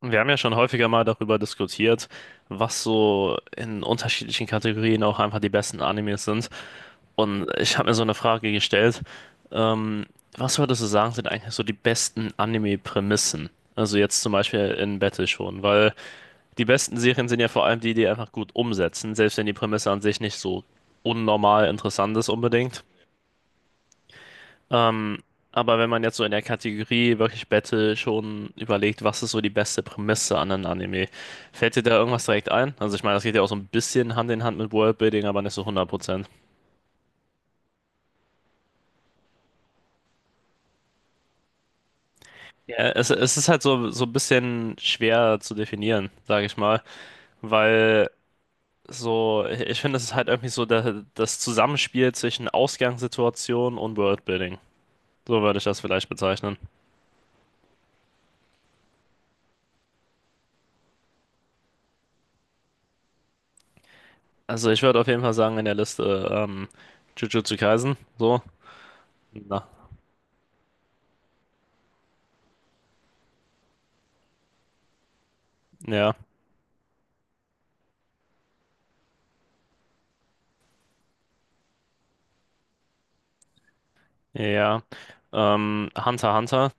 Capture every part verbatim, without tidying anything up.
Wir haben ja schon häufiger mal darüber diskutiert, was so in unterschiedlichen Kategorien auch einfach die besten Animes sind. Und ich habe mir so eine Frage gestellt. ähm, Was würdest du sagen, sind eigentlich so die besten Anime-Prämissen? Also jetzt zum Beispiel in Battle schon, weil die besten Serien sind ja vor allem die, die einfach gut umsetzen, selbst wenn die Prämisse an sich nicht so unnormal interessant ist unbedingt. Ähm, aber wenn man jetzt so in der Kategorie wirklich Battle schon überlegt, was ist so die beste Prämisse an einem Anime, fällt dir da irgendwas direkt ein? Also ich meine, das geht ja auch so ein bisschen Hand in Hand mit Worldbuilding, aber nicht so hundert Prozent. Ja, es, es ist halt so, so ein bisschen schwer zu definieren, sage ich mal, weil so, ich finde, es ist halt irgendwie so der, das Zusammenspiel zwischen Ausgangssituation und Worldbuilding. So würde ich das vielleicht bezeichnen. Also ich würde auf jeden Fall sagen, in der Liste ähm, Jujutsu Kaisen, so. Na, ja, ja, ja. Ähm, Hunter x Hunter.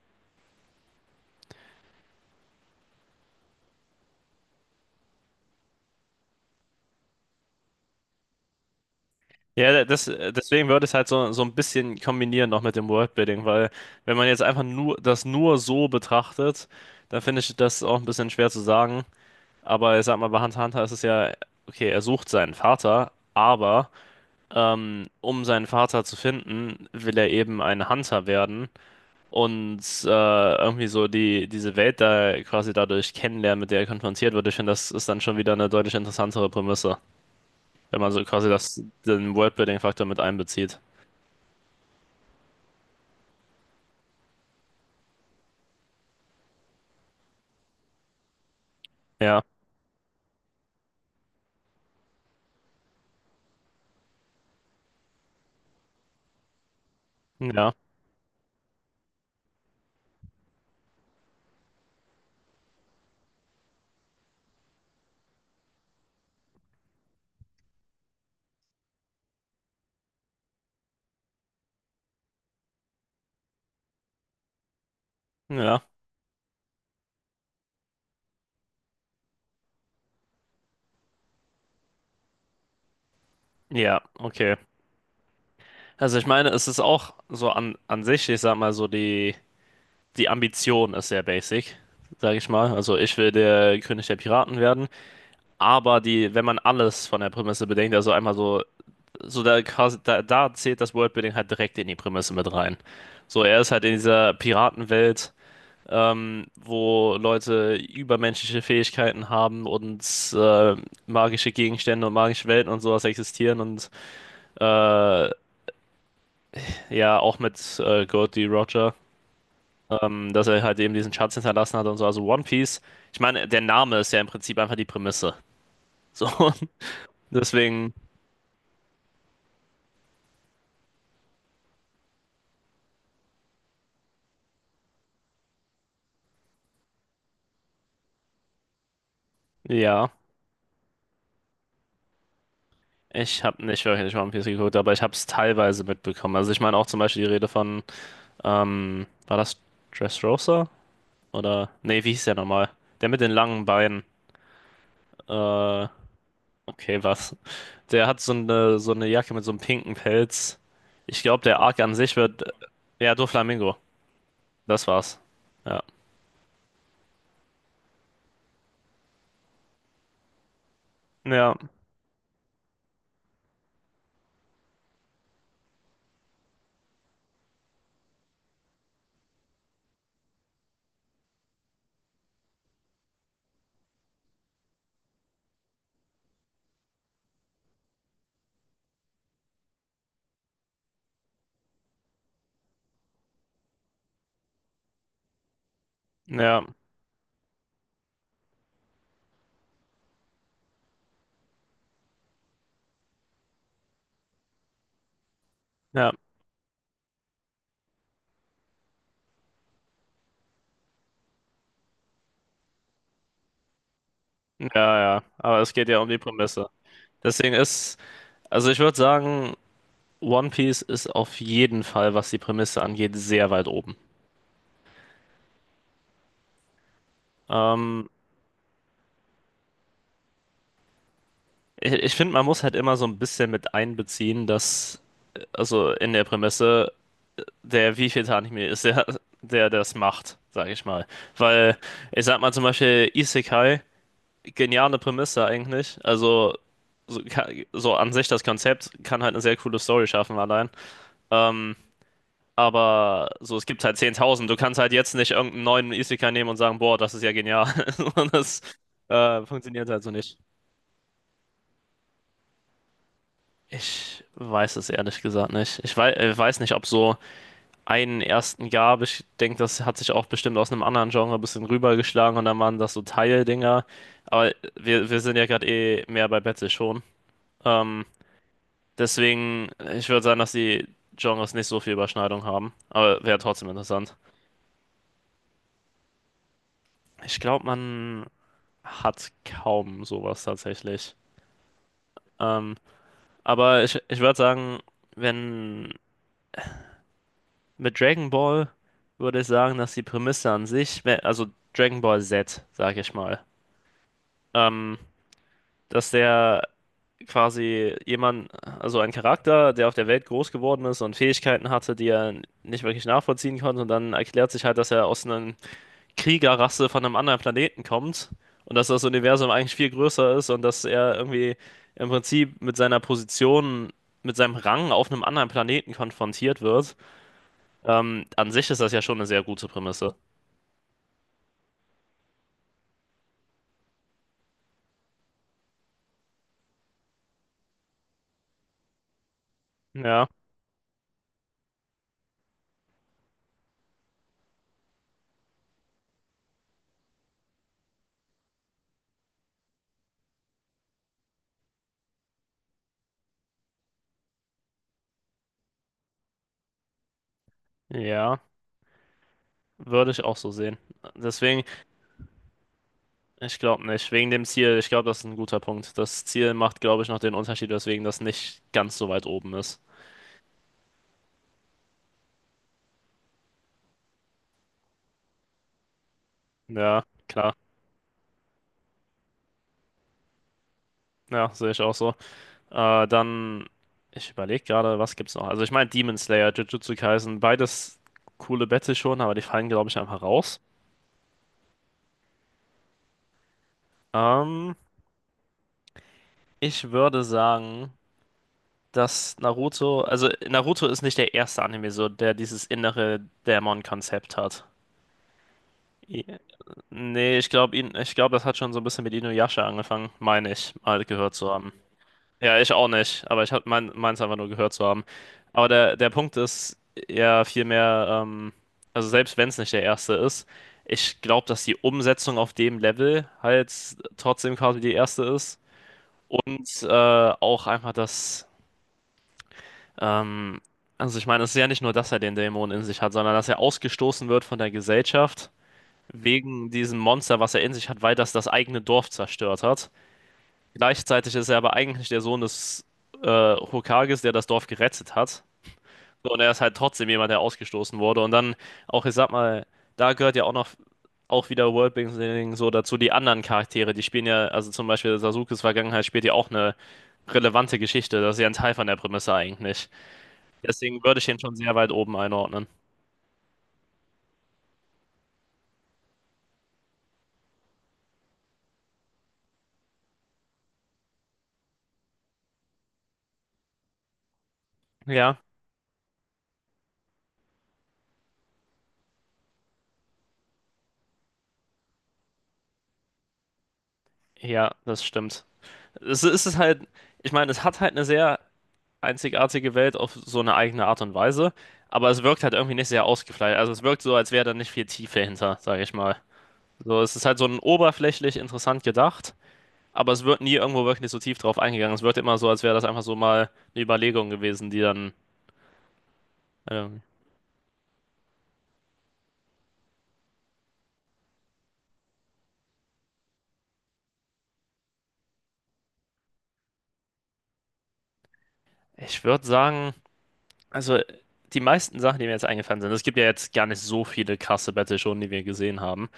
Ja, das, deswegen würde ich es halt so, so ein bisschen kombinieren noch mit dem Worldbuilding, weil wenn man jetzt einfach nur das nur so betrachtet, dann finde ich das auch ein bisschen schwer zu sagen. Aber ich sag mal, bei Hunter x Hunter ist es ja, okay, er sucht seinen Vater, aber ähm, um seinen Vater zu finden, will er eben ein Hunter werden und äh, irgendwie so die, diese Welt da quasi dadurch kennenlernen, mit der er konfrontiert wird. Ich finde, das ist dann schon wieder eine deutlich interessantere Prämisse, wenn man so quasi das, den Worldbuilding-Faktor mit einbezieht. Ja, ja, ja, ja, okay. Also ich meine, es ist auch so an, an sich, ich sag mal so, die, die Ambition ist sehr basic, sag ich mal. Also ich will der König der Piraten werden. Aber die, wenn man alles von der Prämisse bedenkt, also einmal so, so da quasi, da, da zählt das Worldbuilding halt direkt in die Prämisse mit rein. So, er ist halt in dieser Piratenwelt, ähm, wo Leute übermenschliche Fähigkeiten haben und äh, magische Gegenstände und magische Welten und sowas existieren und ja, auch mit äh, Goldie Roger, ähm, dass er halt eben diesen Schatz hinterlassen hat und so, also One Piece. Ich meine, der Name ist ja im Prinzip einfach die Prämisse. So, deswegen, ja. Ich habe nicht wirklich One Piece geguckt, aber ich habe es teilweise mitbekommen. Also ich meine auch zum Beispiel die Rede von, ähm, war das Dressrosa? Oder, nee, wie hieß der nochmal? Der mit den langen Beinen. Äh, Okay, was? Der hat so eine, so eine Jacke mit so einem pinken Pelz. Ich glaube, der Arc an sich wird. Ja, Doflamingo. Das war's. Ja. Ja, ja, ja, ja, ja. Aber es geht ja um die Prämisse. Deswegen ist. Also, ich würde sagen, One Piece ist auf jeden Fall, was die Prämisse angeht, sehr weit oben. Ähm, ich ich finde, man muss halt immer so ein bisschen mit einbeziehen, dass. äh, Also, in der Prämisse der wievielte Anime ist, der, der das macht, sage ich mal. Weil, ich sag mal zum Beispiel Isekai, geniale Prämisse eigentlich. Also, so, ka- so an sich das Konzept kann halt eine sehr coole Story schaffen allein. Ähm, aber so, es gibt halt zehntausend. Du kannst halt jetzt nicht irgendeinen neuen Isekai nehmen und sagen, boah, das ist ja genial. Und das äh, funktioniert halt so nicht. Ich weiß es ehrlich gesagt nicht. Ich weiß, äh, weiß nicht, ob so einen ersten gab. Ich denke, das hat sich auch bestimmt aus einem anderen Genre ein bisschen rübergeschlagen und dann waren das so Teildinger. Aber wir, wir sind ja gerade eh mehr bei Betsy schon. Ähm, Deswegen, ich würde sagen, dass die Genres nicht so viel Überschneidung haben. Aber wäre trotzdem interessant. Ich glaube, man hat kaum sowas tatsächlich. Ähm, aber ich, ich würde sagen, wenn mit Dragon Ball würde ich sagen, dass die Prämisse an sich, wenn- also Dragon Ball Z, sage ich mal, ähm, dass der quasi jemand, also ein Charakter, der auf der Welt groß geworden ist und Fähigkeiten hatte, die er nicht wirklich nachvollziehen konnte. Und dann erklärt sich halt, dass er aus einer Kriegerrasse von einem anderen Planeten kommt und dass das Universum eigentlich viel größer ist und dass er irgendwie im Prinzip mit seiner Position, mit seinem Rang auf einem anderen Planeten konfrontiert wird. Ähm, an sich ist das ja schon eine sehr gute Prämisse. Ja, ja, würde ich auch so sehen. Deswegen. Ich glaube nicht. Wegen dem Ziel, ich glaube, das ist ein guter Punkt. Das Ziel macht, glaube ich, noch den Unterschied, weswegen das nicht ganz so weit oben ist. Ja, klar. Ja, sehe ich auch so. Äh, dann, ich überlege gerade, was gibt's noch? Also ich meine Demon Slayer, Jujutsu Kaisen, beides coole Battle schon, aber die fallen, glaube ich, einfach raus. Ähm, Ich würde sagen, dass Naruto, also Naruto ist nicht der erste Anime so, der dieses innere Dämon-Konzept hat. Nee, ich glaube, ich glaub, das hat schon so ein bisschen mit Inuyasha angefangen, meine ich, mal gehört zu haben. Ja, ich auch nicht, aber ich habe mein, meins einfach nur gehört zu haben. Aber der, der Punkt ist ja vielmehr, ähm, also selbst wenn es nicht der erste ist, ich glaube, dass die Umsetzung auf dem Level halt trotzdem quasi die erste ist. Und äh, auch einfach das, ähm, also ich meine, es ist ja nicht nur, dass er den Dämon in sich hat, sondern dass er ausgestoßen wird von der Gesellschaft wegen diesem Monster, was er in sich hat, weil das das eigene Dorf zerstört hat. Gleichzeitig ist er aber eigentlich der Sohn des äh, Hokages, der das Dorf gerettet hat. So, und er ist halt trotzdem jemand, der ausgestoßen wurde. Und dann auch, ich sag mal, da gehört ja auch noch auch wieder Worldbuilding so dazu. Die anderen Charaktere, die spielen ja, also zum Beispiel Sasukes Vergangenheit spielt ja auch eine relevante Geschichte. Das ist ja ein Teil von der Prämisse eigentlich. Deswegen würde ich ihn schon sehr weit oben einordnen. Ja, ja, das stimmt. Es ist halt, ich meine, es hat halt eine sehr einzigartige Welt auf so eine eigene Art und Weise. Aber es wirkt halt irgendwie nicht sehr ausgefeilt. Also es wirkt so, als wäre da nicht viel Tiefe hinter, sage ich mal. So, es ist halt so ein oberflächlich interessant gedacht, aber es wird nie irgendwo wirklich so tief drauf eingegangen. Es wird immer so, als wäre das einfach so mal eine Überlegung gewesen, die dann, ähm, ich würde sagen, also die meisten Sachen, die mir jetzt eingefallen sind, es gibt ja jetzt gar nicht so viele krasse Battle schon, die wir gesehen haben.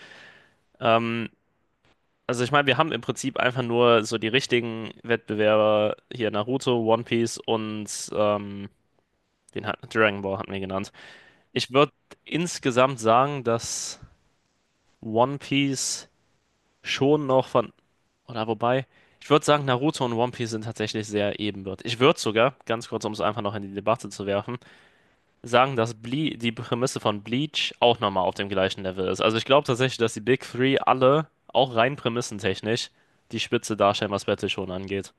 Ähm, Also ich meine, wir haben im Prinzip einfach nur so die richtigen Wettbewerber hier Naruto, One Piece und ähm, den hat, Dragon Ball hatten wir genannt. Ich würde insgesamt sagen, dass One Piece schon noch von, oder wobei, ich würde sagen, Naruto und One Piece sind tatsächlich sehr ebenbürtig. Ich würde sogar, ganz kurz, um es einfach noch in die Debatte zu werfen, sagen, dass Ble die Prämisse von Bleach auch nochmal auf dem gleichen Level ist. Also ich glaube tatsächlich, dass die Big Three alle, auch rein prämissentechnisch, die Spitze darstellen, was Battle schon angeht.